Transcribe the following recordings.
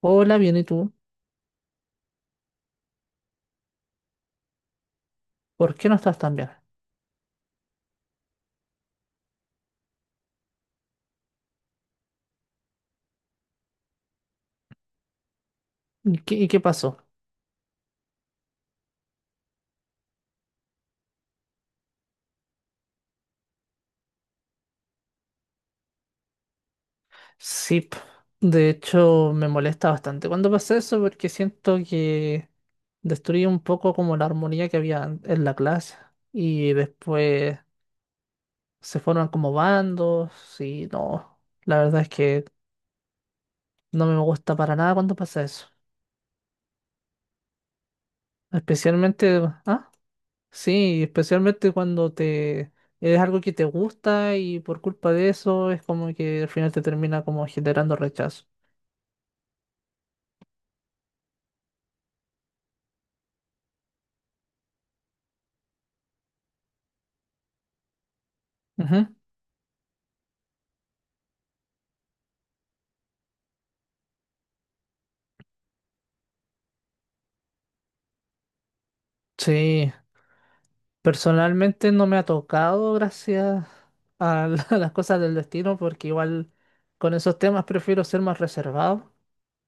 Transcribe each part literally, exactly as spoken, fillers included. Hola, bien, ¿y tú? ¿Por qué no estás tan bien? ¿Y qué, y qué pasó? Sí, p- de hecho me molesta bastante cuando pasa eso porque siento que destruye un poco como la armonía que había an- en la clase y después se forman como bandos y no, la verdad es que no me gusta para nada cuando pasa eso. Especialmente, ah, sí, especialmente cuando te es algo que te gusta y por culpa de eso es como que al final te termina como generando rechazo. Ujú. Sí, personalmente no me ha tocado gracias a, la- las cosas del destino, porque igual con esos temas prefiero ser más reservado,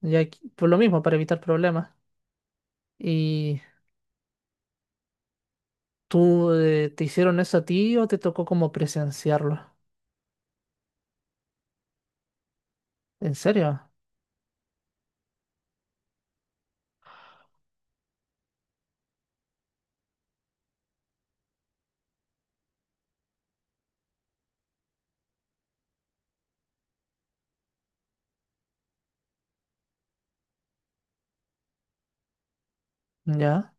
ya que- por lo mismo, para evitar problemas. ¿Y tú eh, te hicieron eso a ti o te tocó como presenciarlo? ¿En serio? ¿Ya?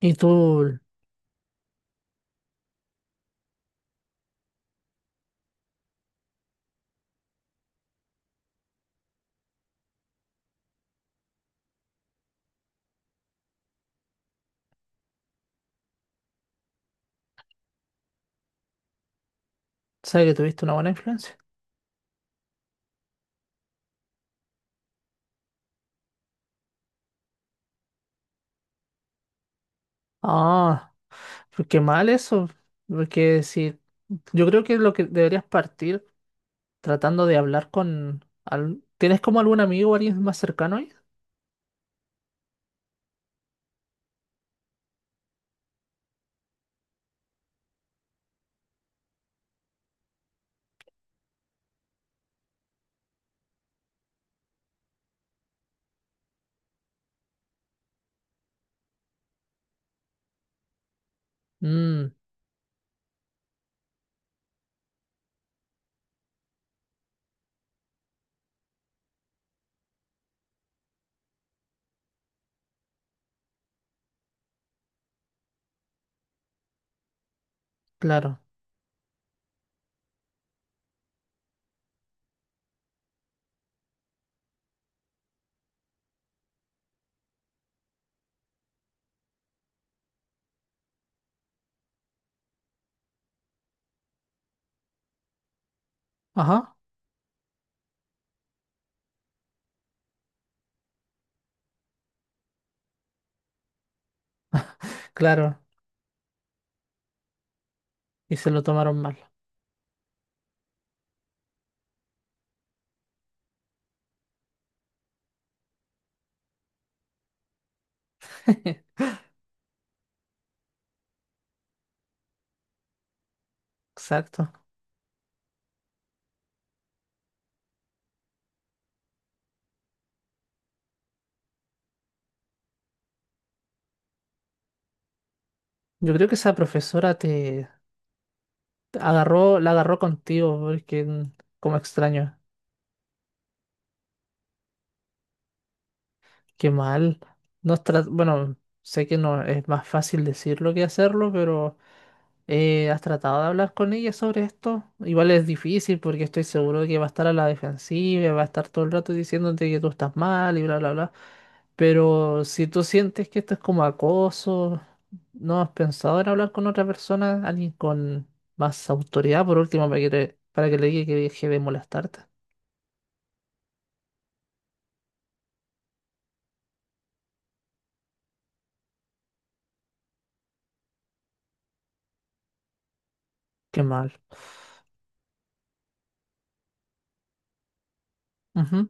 ¿Y tú sabes que tuviste una buena influencia? Ah, pues qué mal eso, porque si yo creo que lo que deberías partir tratando de hablar con... al- ¿Tienes como algún amigo o alguien más cercano ahí? Mm, claro. Ajá, claro. Y se lo tomaron mal. Exacto. Yo creo que esa profesora te te agarró, la agarró contigo, porque mm, como extraño. Qué mal. No es tra- bueno, sé que no es más fácil decirlo que hacerlo, pero eh, ¿has tratado de hablar con ella sobre esto? Igual es difícil porque estoy seguro de que va a estar a la defensiva, va a estar todo el rato diciéndote que tú estás mal y bla, bla, bla. Pero si tú sientes que esto es como acoso, ¿no has pensado en hablar con otra persona, alguien con más autoridad, por último, para que, le- para que le diga que deje de molestarte? Qué mal. Ujú.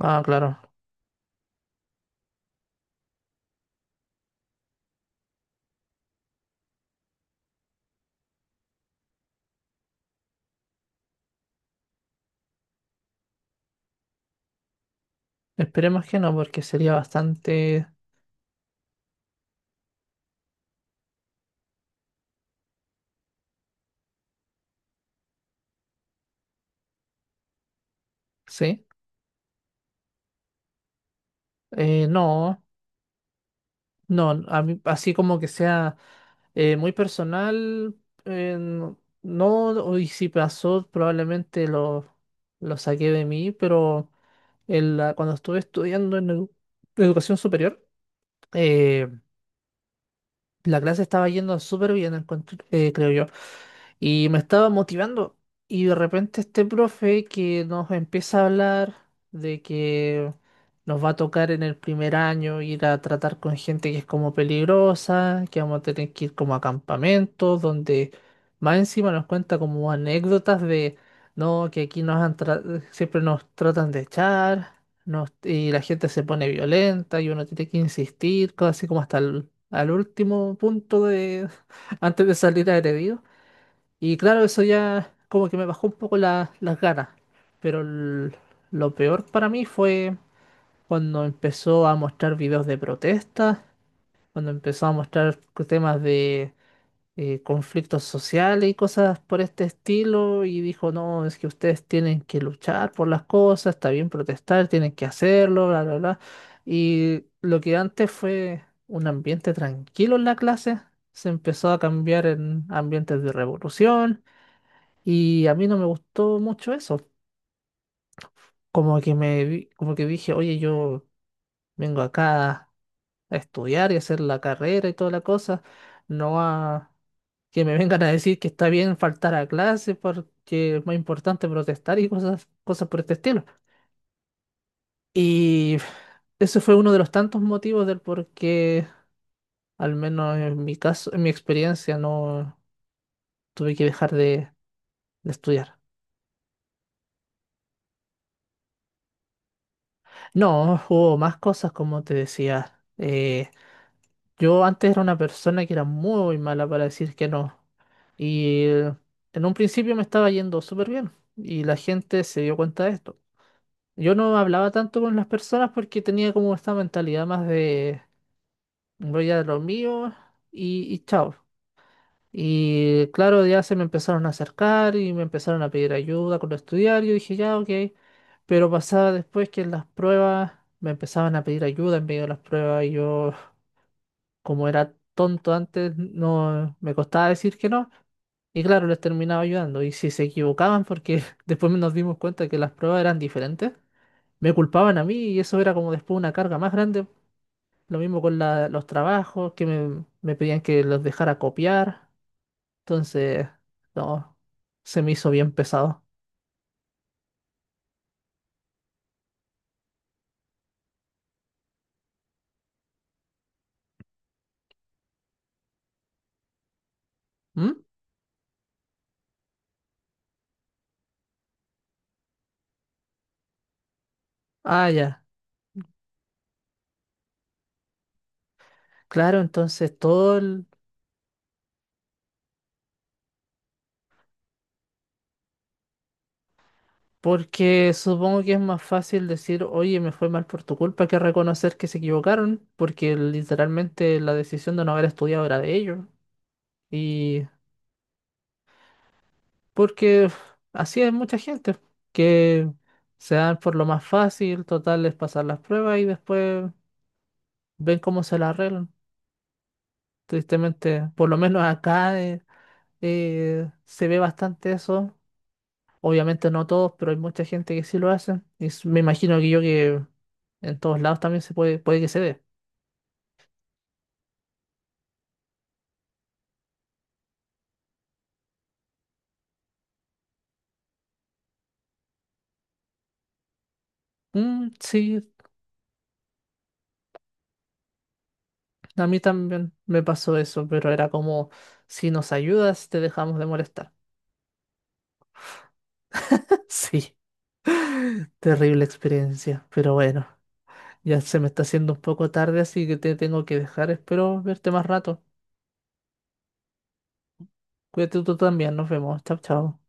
Ah, claro. Esperemos que no, porque sería bastante... ¿Sí? Eh, no, no, a mí- así como que sea... Eh, muy personal, eh, no, no, y si pasó, probablemente lo, lo saqué de mí, pero en la- cuando estuve estudiando en edu- educación superior, eh, la clase estaba yendo súper bien, encontré- eh, creo yo. Y me estaba motivando. Y de repente este profe que nos empieza a hablar de que nos va a tocar en el primer año ir a tratar con gente que es como peligrosa, que vamos a tener que ir como a campamentos, donde más encima nos cuenta como anécdotas de, no, que aquí nos han tra- siempre nos tratan de echar, nos- y la gente se pone violenta y uno tiene que insistir, casi como hasta el al último punto de antes de salir agredido. Y claro, eso ya como que me bajó un poco la- las ganas. Pero el- lo peor para mí fue cuando empezó a mostrar videos de protestas, cuando empezó a mostrar temas de eh, conflictos sociales y cosas por este estilo. Y dijo, no, es que ustedes tienen que luchar por las cosas, está bien protestar, tienen que hacerlo, bla, bla, bla. Y lo que antes fue un ambiente tranquilo en la clase, se empezó a cambiar en ambientes de revolución y a mí no me gustó mucho eso. Como que me vi- como que dije, oye, yo vengo acá a estudiar y hacer la carrera y toda la cosa, no a que me vengan a decir que está bien faltar a clase porque es más importante protestar y cosas, cosas por este estilo. Y ese fue uno de los tantos motivos del por qué, al menos en mi caso, en mi experiencia, no tuve que dejar de, de estudiar. No, hubo más cosas, como te decía. eh, Yo antes era una persona que era muy mala para decir que no. Y eh, en un principio me estaba yendo súper bien. Y la gente se dio cuenta de esto. Yo no hablaba tanto con las personas porque tenía como esta mentalidad más de voy a lo mío y, y chao. Y claro, ya se me empezaron a acercar y me empezaron a pedir ayuda con estudiar. Yo dije, ya, ok. Pero pasaba después que en las pruebas me empezaban a pedir ayuda en medio de las pruebas y yo como era tonto antes, no me costaba decir que no. Y claro, les terminaba ayudando. Y si se equivocaban, porque después nos dimos cuenta que las pruebas eran diferentes, me culpaban a mí y eso era como después una carga más grande. Lo mismo con la- los trabajos, que me, me pedían que los dejara copiar. Entonces, no, se me hizo bien pesado. ¿Mm? Ah, ya. Claro, entonces todo el- porque supongo que es más fácil decir, oye, me fue mal por tu culpa, que reconocer que se equivocaron, porque literalmente la decisión de no haber estudiado era de ellos. Y porque uf, así hay mucha gente, que se dan por lo más fácil, total, es pasar las pruebas y después ven cómo se las arreglan. Tristemente, por lo menos acá eh, eh, se ve bastante eso. Obviamente no todos, pero hay mucha gente que sí lo hace. Y s- me imagino que yo que en todos lados también se puede, puede que se dé. Mm, sí, a mí también me pasó eso, pero era como, si nos ayudas, te dejamos de molestar. Sí, terrible experiencia, pero bueno, ya se me está haciendo un poco tarde, así que te tengo que dejar. Espero verte más rato. Cuídate tú también, nos vemos. Chao, chao.